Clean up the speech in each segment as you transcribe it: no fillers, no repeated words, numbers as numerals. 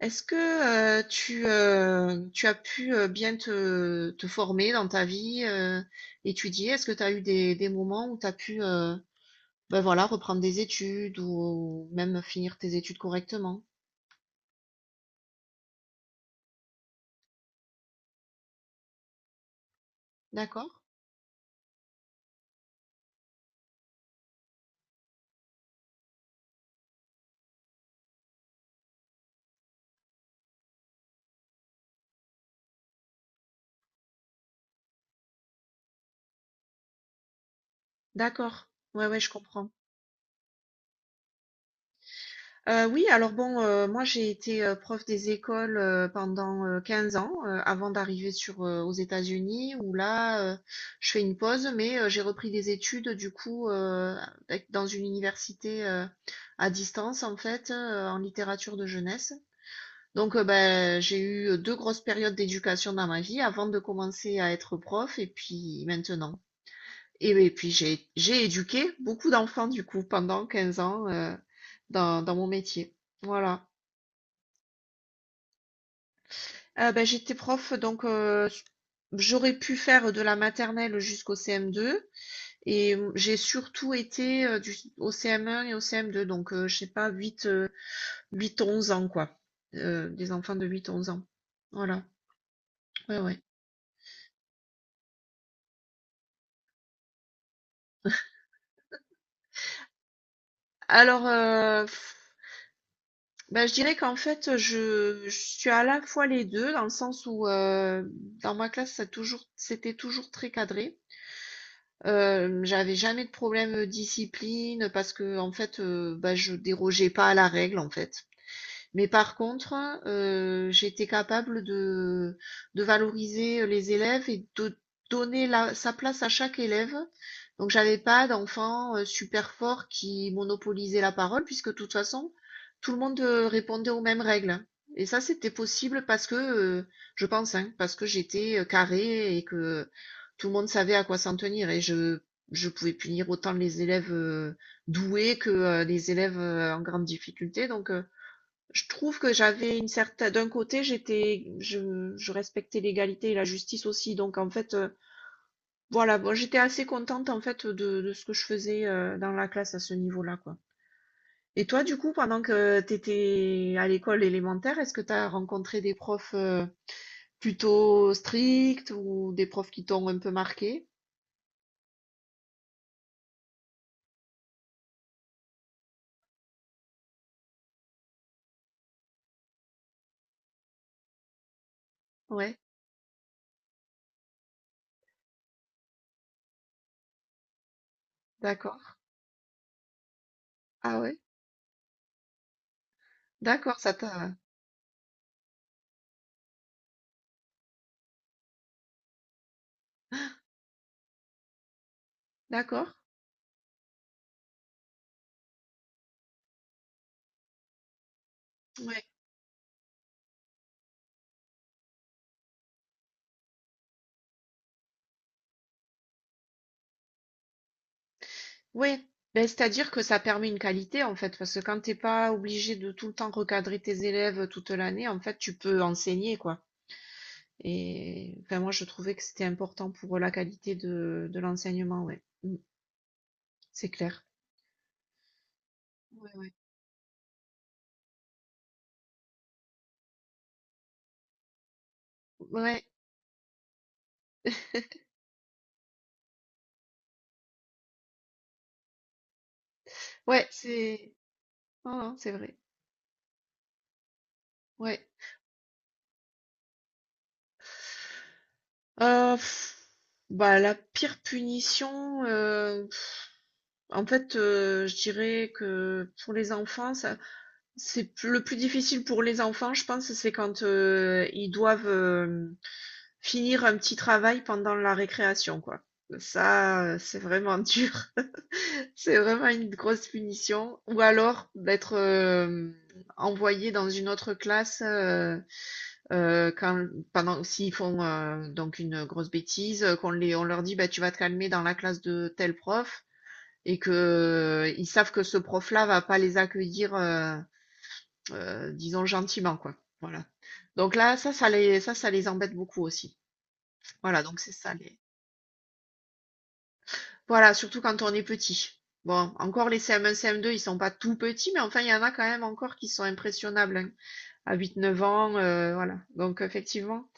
Est-ce que, tu as pu, bien te former dans ta vie, étudier? Est-ce que tu as eu des moments où tu as pu, bah, voilà, reprendre des études ou même finir tes études correctement? D'accord, d'accord. Ouais, ouais, je comprends. Oui, alors bon, moi j'ai été, prof des écoles, pendant, 15 ans, avant d'arriver sur, aux États-Unis où là, je fais une pause, mais, j'ai repris des études du coup, avec dans une université, à distance en fait, en littérature de jeunesse. Donc, bah, j'ai eu, 2 grosses périodes d'éducation dans ma vie avant de commencer à être prof et puis maintenant. Et puis j'ai éduqué beaucoup d'enfants du coup pendant 15 ans, dans mon métier. Voilà. Bah, j'étais prof donc j'aurais pu faire de la maternelle jusqu'au CM2 et j'ai surtout été, du s au CM1 et au CM2 donc je sais pas 8-11 ans quoi, des enfants de 8-11 ans. Voilà, ouais, ouais. Alors, bah, je dirais qu'en fait, je suis à la fois les 2, dans le sens où, dans ma classe ça toujours c'était toujours très cadré. J'avais jamais de problème, discipline parce que en fait, bah, je dérogeais pas à la règle, en fait. Mais par contre, j'étais capable de valoriser les élèves et de donner sa place à chaque élève. Donc j'avais pas d'enfant super fort qui monopolisait la parole, puisque de toute façon, tout le monde répondait aux mêmes règles. Et ça, c'était possible parce que, je pense, hein, parce que j'étais carré et que tout le monde savait à quoi s'en tenir. Et je pouvais punir autant les élèves doués que les élèves en grande difficulté. Donc, je trouve que j'avais une certaine, d'un côté, je respectais l'égalité et la justice aussi. Donc, en fait, voilà, bon, j'étais assez contente, en fait, de ce que je faisais dans la classe à ce niveau-là, quoi. Et toi, du coup, pendant que tu étais à l'école élémentaire, est-ce que tu as rencontré des profs plutôt stricts ou des profs qui t'ont un peu marqué? Ouais, d'accord. Ah ouais, d'accord, ça t'a. D'accord. Ouais. Ouais, ben c'est-à-dire que ça permet une qualité en fait, parce que quand t'es pas obligé de tout le temps recadrer tes élèves toute l'année, en fait, tu peux enseigner quoi. Et enfin, moi, je trouvais que c'était important pour la qualité de l'enseignement, ouais. Mm. C'est clair. Ouais, ouais. Ouais, ouais, c'est. Non, non, c'est vrai. Ouais. Pff, bah, la pire punition, pff, en fait, je dirais que pour les enfants, ça, c'est plus le plus difficile pour les enfants, je pense, c'est quand, ils doivent, finir un petit travail pendant la récréation, quoi. Ça, c'est vraiment dur. C'est vraiment une grosse punition ou alors d'être, envoyé dans une autre classe, quand pendant s'ils font, donc une grosse bêtise, qu'on les on leur dit: «Bah, tu vas te calmer dans la classe de tel prof» et qu'ils savent que ce prof-là va pas les accueillir, disons gentiment, quoi. Voilà. Donc là, ça les embête beaucoup aussi. Voilà, donc c'est ça les. Voilà, surtout quand on est petit. Bon, encore les CM1, CM2, ils sont pas tout petits, mais enfin, il y en a quand même encore qui sont impressionnables hein, à 8-9 ans, voilà. Donc effectivement,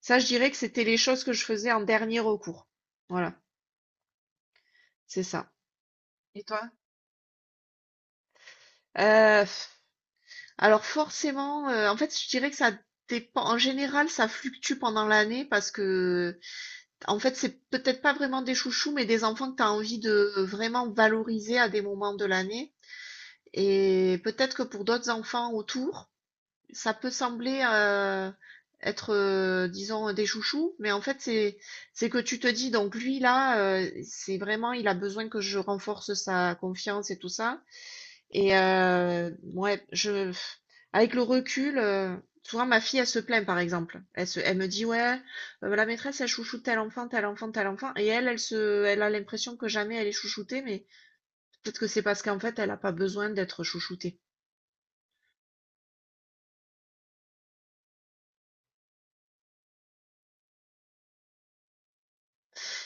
ça, je dirais que c'était les choses que je faisais en dernier recours. Voilà, c'est ça. Et toi? Euh, alors forcément, en fait, je dirais que ça dépend. En général, ça fluctue pendant l'année parce que en fait, c'est peut-être pas vraiment des chouchous, mais des enfants que tu as envie de vraiment valoriser à des moments de l'année. Et peut-être que pour d'autres enfants autour, ça peut sembler être, disons, des chouchous, mais en fait, c'est que tu te dis, donc lui, là, c'est vraiment, il a besoin que je renforce sa confiance et tout ça. Et ouais, avec le recul, souvent ma fille, elle se plaint par exemple. Elle me dit ouais, la maîtresse, elle chouchoute tel enfant, tel enfant, tel enfant, elle a l'impression que jamais elle est chouchoutée, mais peut-être que c'est parce qu'en fait, elle n'a pas besoin d'être chouchoutée.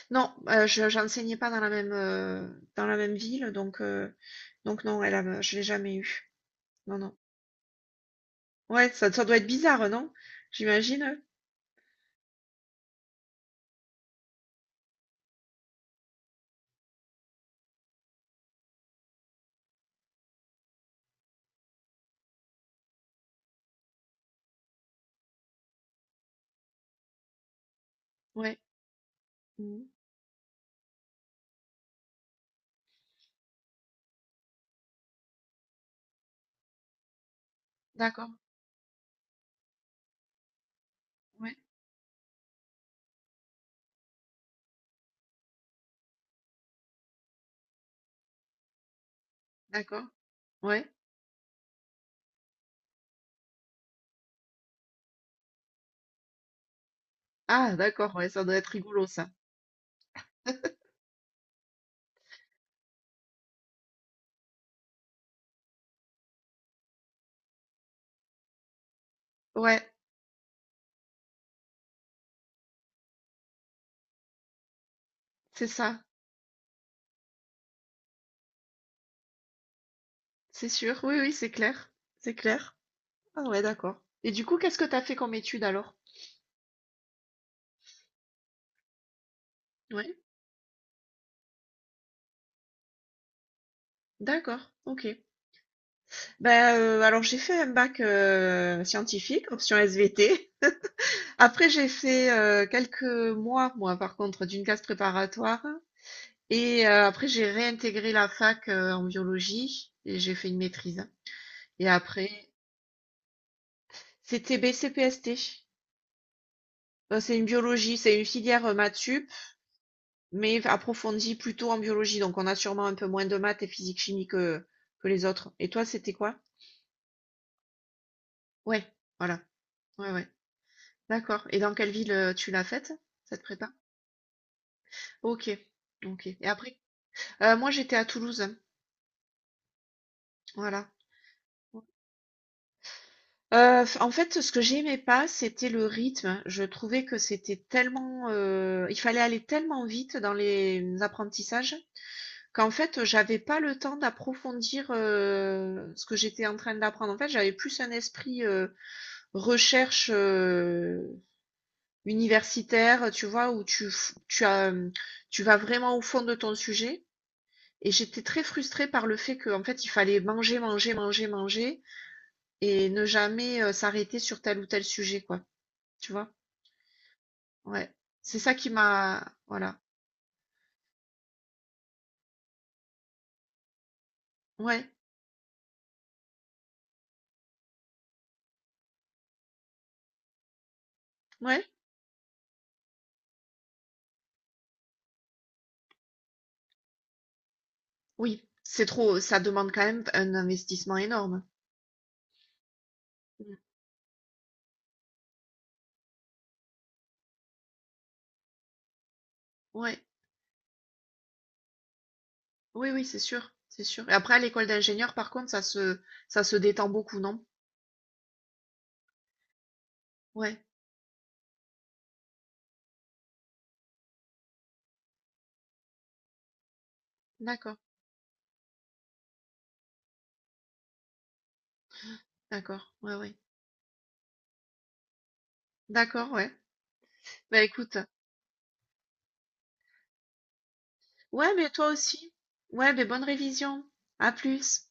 Non, j'enseignais pas dans la même, dans la même ville, donc, non, je l'ai jamais eu. Non, non. Ouais, ça doit être bizarre, non? J'imagine. Ouais. Mhm. D'accord. Ouais. D'accord. Ouais. Ah d'accord, ouais, ça doit être rigolo ça. Ouais, c'est ça, c'est sûr. Oui, oui, c'est clair. C'est clair. Ah ouais, d'accord. Et du coup, qu'est-ce que t'as fait comme étude alors? Ouais, d'accord, ok. Ben alors j'ai fait un bac scientifique, option SVT. Après j'ai fait quelques mois, moi par contre, d'une classe préparatoire. Après j'ai réintégré la fac en biologie et j'ai fait une maîtrise. Et après, c'était BCPST. C'est une biologie, c'est une filière maths mais approfondi plutôt en biologie. Donc, on a sûrement un peu moins de maths et physique-chimie que les autres. Et toi, c'était quoi? Ouais, voilà. Ouais, ouais. D'accord. Et dans quelle ville tu l'as faite, cette prépa? Ok, ok. Et après, moi, j'étais à Toulouse. Hein. Voilà. En fait, ce que j'aimais pas, c'était le rythme. Je trouvais que c'était il fallait aller tellement vite dans les apprentissages qu'en fait, j'avais pas le temps d'approfondir ce que j'étais en train d'apprendre. En fait, j'avais plus un esprit recherche universitaire, tu vois, où tu, f- tu as, tu vas vraiment au fond de ton sujet. Et j'étais très frustrée par le fait qu'en fait, il fallait manger, manger, manger, manger et ne jamais s'arrêter sur tel ou tel sujet, quoi. Tu vois? Ouais. C'est ça qui m'a, voilà. Ouais. Ouais. Oui. C'est trop, ça demande quand même un investissement énorme. Mm. Ouais. Oui, oui, c'est sûr. C'est sûr. Et après, à l'école d'ingénieur, par contre, ça se détend beaucoup, non? Ouais. D'accord. D'accord, ouais, ouais. D'accord, ouais. Bah écoute, ouais, mais toi aussi. Ouais, mais bonne révision. À plus.